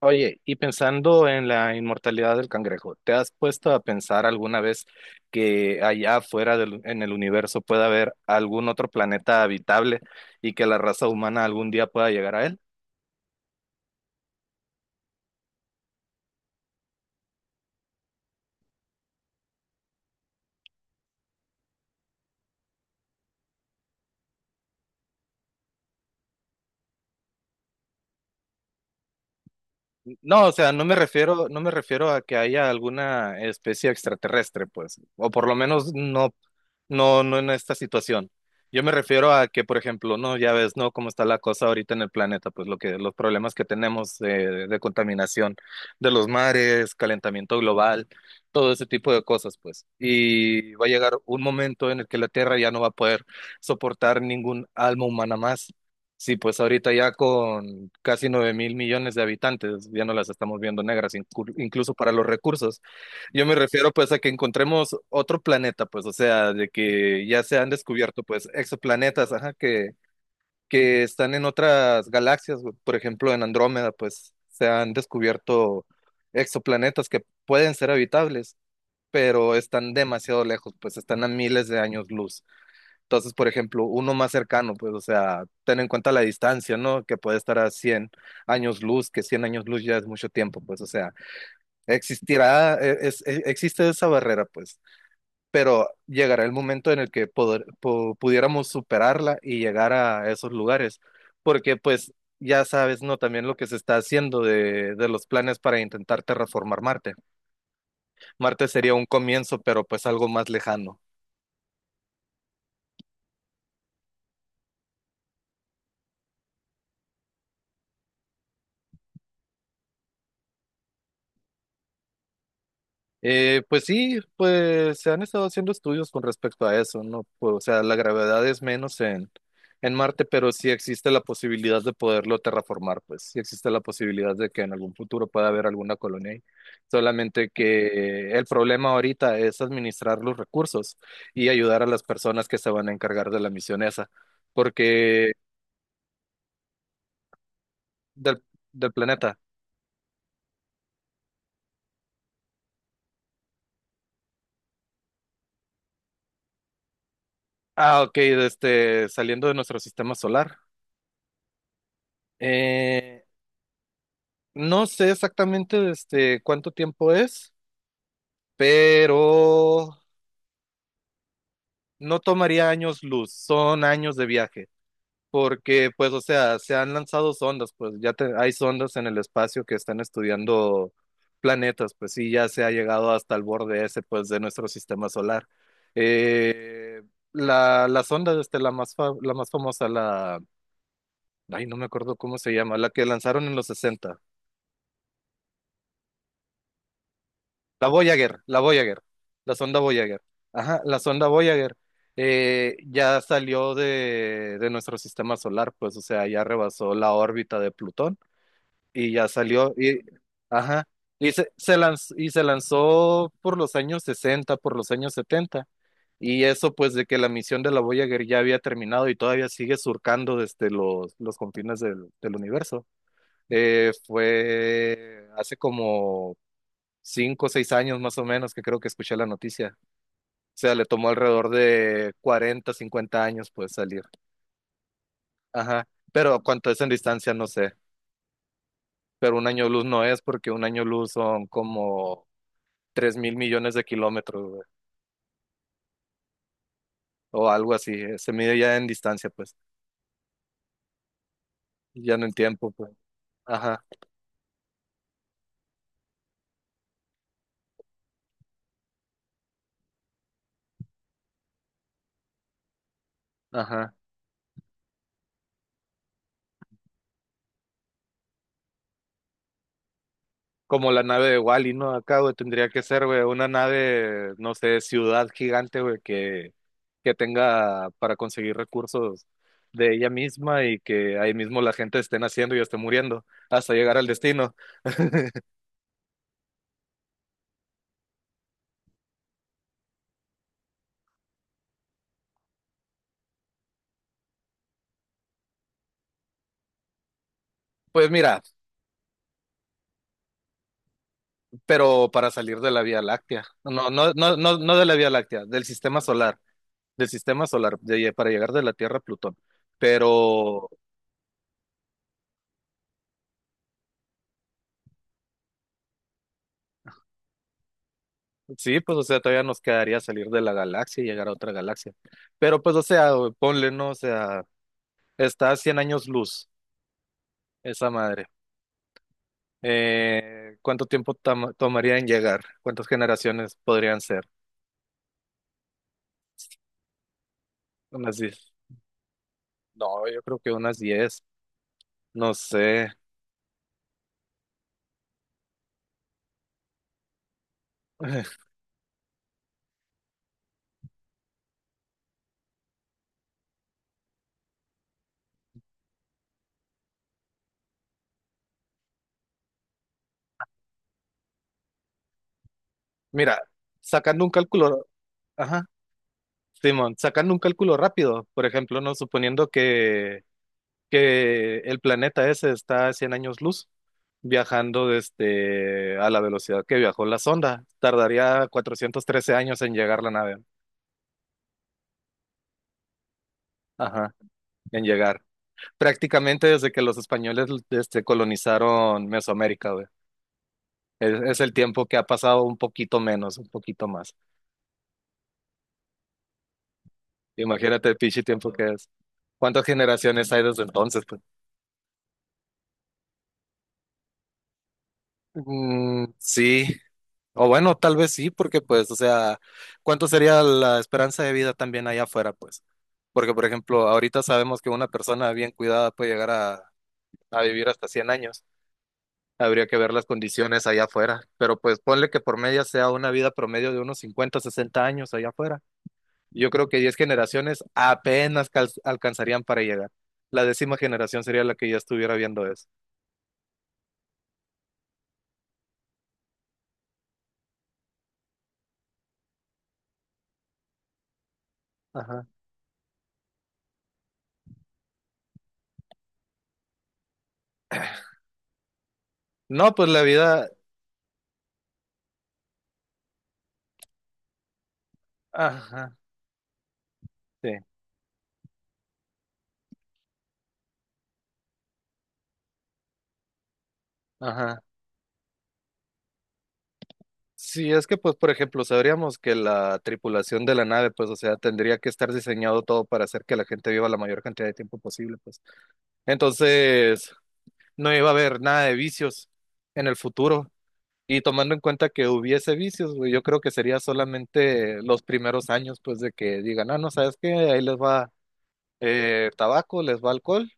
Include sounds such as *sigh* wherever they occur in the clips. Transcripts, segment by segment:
Oye, y pensando en la inmortalidad del cangrejo, ¿te has puesto a pensar alguna vez que allá afuera en el universo pueda haber algún otro planeta habitable y que la raza humana algún día pueda llegar a él? No, o sea, no me refiero a que haya alguna especie extraterrestre, pues, o por lo menos no, no, no en esta situación. Yo me refiero a que, por ejemplo, no, ya ves, ¿no? Cómo está la cosa ahorita en el planeta, pues los problemas que tenemos de contaminación de los mares, calentamiento global, todo ese tipo de cosas, pues. Y va a llegar un momento en el que la Tierra ya no va a poder soportar ningún alma humana más. Sí, pues ahorita ya con casi 9 mil millones de habitantes, ya no las estamos viendo negras, incluso para los recursos. Yo me refiero pues a que encontremos otro planeta, pues, o sea, de que ya se han descubierto pues exoplanetas, ajá, que están en otras galaxias, güey. Por ejemplo, en Andrómeda, pues se han descubierto exoplanetas que pueden ser habitables, pero están demasiado lejos, pues están a miles de años luz. Entonces, por ejemplo, uno más cercano, pues, o sea, ten en cuenta la distancia, ¿no? Que puede estar a 100 años luz, que 100 años luz ya es mucho tiempo, pues, o sea, existirá, existe esa barrera, pues, pero llegará el momento en el que pudiéramos superarla y llegar a esos lugares, porque, pues, ya sabes, ¿no? También lo que se está haciendo de los planes para intentar terraformar Marte. Marte sería un comienzo, pero pues algo más lejano. Pues sí, pues se han estado haciendo estudios con respecto a eso, ¿no? Pues, o sea, la gravedad es menos en Marte, pero sí existe la posibilidad de poderlo terraformar, pues sí existe la posibilidad de que en algún futuro pueda haber alguna colonia ahí. Solamente que el problema ahorita es administrar los recursos y ayudar a las personas que se van a encargar de la misión esa, porque del, del planeta. Ah, ok, de este, saliendo de nuestro sistema solar. Eh, No sé exactamente este, cuánto tiempo es, pero no tomaría años luz, son años de viaje, porque pues, o sea, se han lanzado sondas, pues hay sondas en el espacio que están estudiando planetas, pues sí, ya se ha llegado hasta el borde ese, pues, de nuestro sistema solar. Eh, la sonda, este, la más famosa, la, ay, no me acuerdo cómo se llama, la que lanzaron en los 60. La Voyager, la Voyager, la sonda Voyager. Ajá, la sonda Voyager ya salió de nuestro sistema solar, pues, o sea, ya rebasó la órbita de Plutón y ya salió, y, ajá, y se lanzó por los años 60, por los años setenta. Y eso, pues, de que la misión de la Voyager ya había terminado y todavía sigue surcando desde los confines del universo. Fue hace como 5 o 6 años más o menos que creo que escuché la noticia. O sea, le tomó alrededor de 40, 50 años pues salir. Ajá. Pero cuánto es en distancia, no sé. Pero un año luz no es porque un año luz son como 3 mil millones de kilómetros, güey. O algo así. Se mide ya en distancia, pues. Ya no en tiempo, pues. Ajá, ajá. Como la nave de Wally, ¿no? Acá, güey, tendría que ser, güey, una nave, no sé, ciudad gigante, güey, que tenga para conseguir recursos de ella misma y que ahí mismo la gente esté naciendo y esté muriendo hasta llegar al destino. Pues mira, pero para salir de la Vía Láctea. No, no, no, no, no de la Vía Láctea, del sistema solar, para llegar de la Tierra a Plutón. Pero sí, pues o sea, todavía nos quedaría salir de la galaxia y llegar a otra galaxia. Pero pues, o sea, güey, ponle, ¿no? O sea, está a 100 años luz, esa madre. ¿Cuánto tiempo tomaría en llegar? ¿Cuántas generaciones podrían ser? ¿Unas 10? No, yo creo que unas 10. No sé. *laughs* Mira, sacando un cálculo, ajá, Simón, sacando un cálculo rápido, por ejemplo, no suponiendo que el planeta ese está a 100 años luz, viajando desde a la velocidad que viajó la sonda, tardaría 413 años en llegar la nave, ajá, en llegar, prácticamente desde que los españoles este, colonizaron Mesoamérica, güey. Es el tiempo que ha pasado un poquito menos, un poquito más. Imagínate el pinche tiempo que es. ¿Cuántas generaciones hay desde entonces, pues? Mm, sí. O bueno, tal vez sí, porque pues, o sea, ¿cuánto sería la esperanza de vida también allá afuera, pues? Porque, por ejemplo, ahorita sabemos que una persona bien cuidada puede llegar a vivir hasta 100 años. Habría que ver las condiciones allá afuera, pero pues ponle que por media sea una vida promedio de unos 50, 60 años allá afuera. Yo creo que 10 generaciones apenas alcanzarían para llegar. La décima generación sería la que ya estuviera viendo eso. Ajá. No, pues la vida, ajá, sí, ajá. Sí, es que pues por ejemplo, sabríamos que la tripulación de la nave, pues o sea, tendría que estar diseñado todo para hacer que la gente viva la mayor cantidad de tiempo posible, pues. Entonces, no iba a haber nada de vicios en el futuro. Y tomando en cuenta que hubiese vicios, güey, yo creo que sería solamente los primeros años, pues, de que digan, ah, no, ¿sabes qué? Ahí les va tabaco, les va alcohol,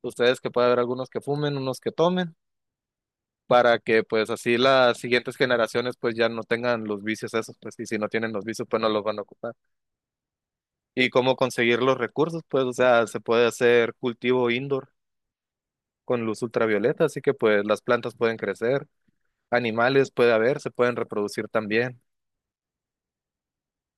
ustedes que puede haber algunos que fumen, unos que tomen, para que, pues, así las siguientes generaciones, pues, ya no tengan los vicios esos, pues, y si no tienen los vicios, pues, no los van a ocupar. Y cómo conseguir los recursos, pues, o sea, se puede hacer cultivo indoor con luz ultravioleta, así que, pues, las plantas pueden crecer, animales puede haber, se pueden reproducir también.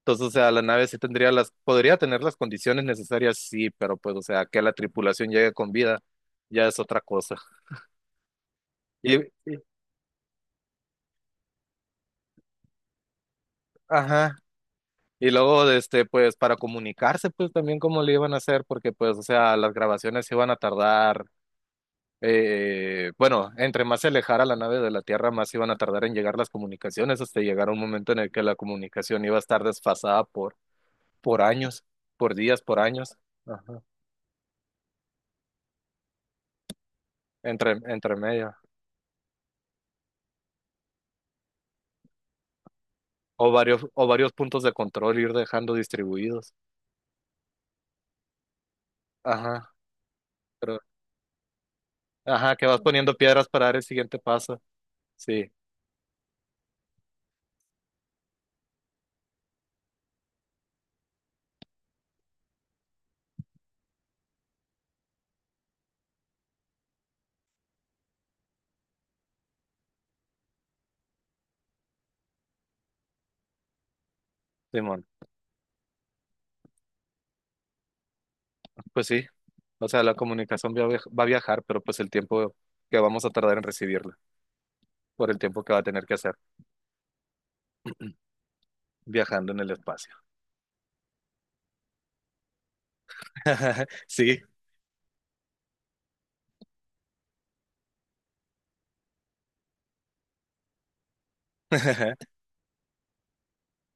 Entonces, o sea, la nave sí tendría las, podría tener las condiciones necesarias, sí, pero pues, o sea, que la tripulación llegue con vida, ya es otra cosa. Y, y- ajá. Y luego, de este, pues, para comunicarse, pues, también cómo le iban a hacer, porque, pues, o sea, las grabaciones se iban a tardar, bueno, entre más se alejara la nave de la Tierra, más iban a tardar en llegar las comunicaciones, hasta llegar a un momento en el que la comunicación iba a estar desfasada por años, por días, por años, ajá, entre medio. O varios puntos de control ir dejando distribuidos. Ajá, pero, ajá, que vas poniendo piedras para dar el siguiente paso. Sí, Simón. Pues sí, o sea, la comunicación va a viajar, pero pues el tiempo que vamos a tardar en recibirla, por el tiempo que va a tener que hacer *clears throat* viajando en el espacio. *laughs* Sí. *laughs*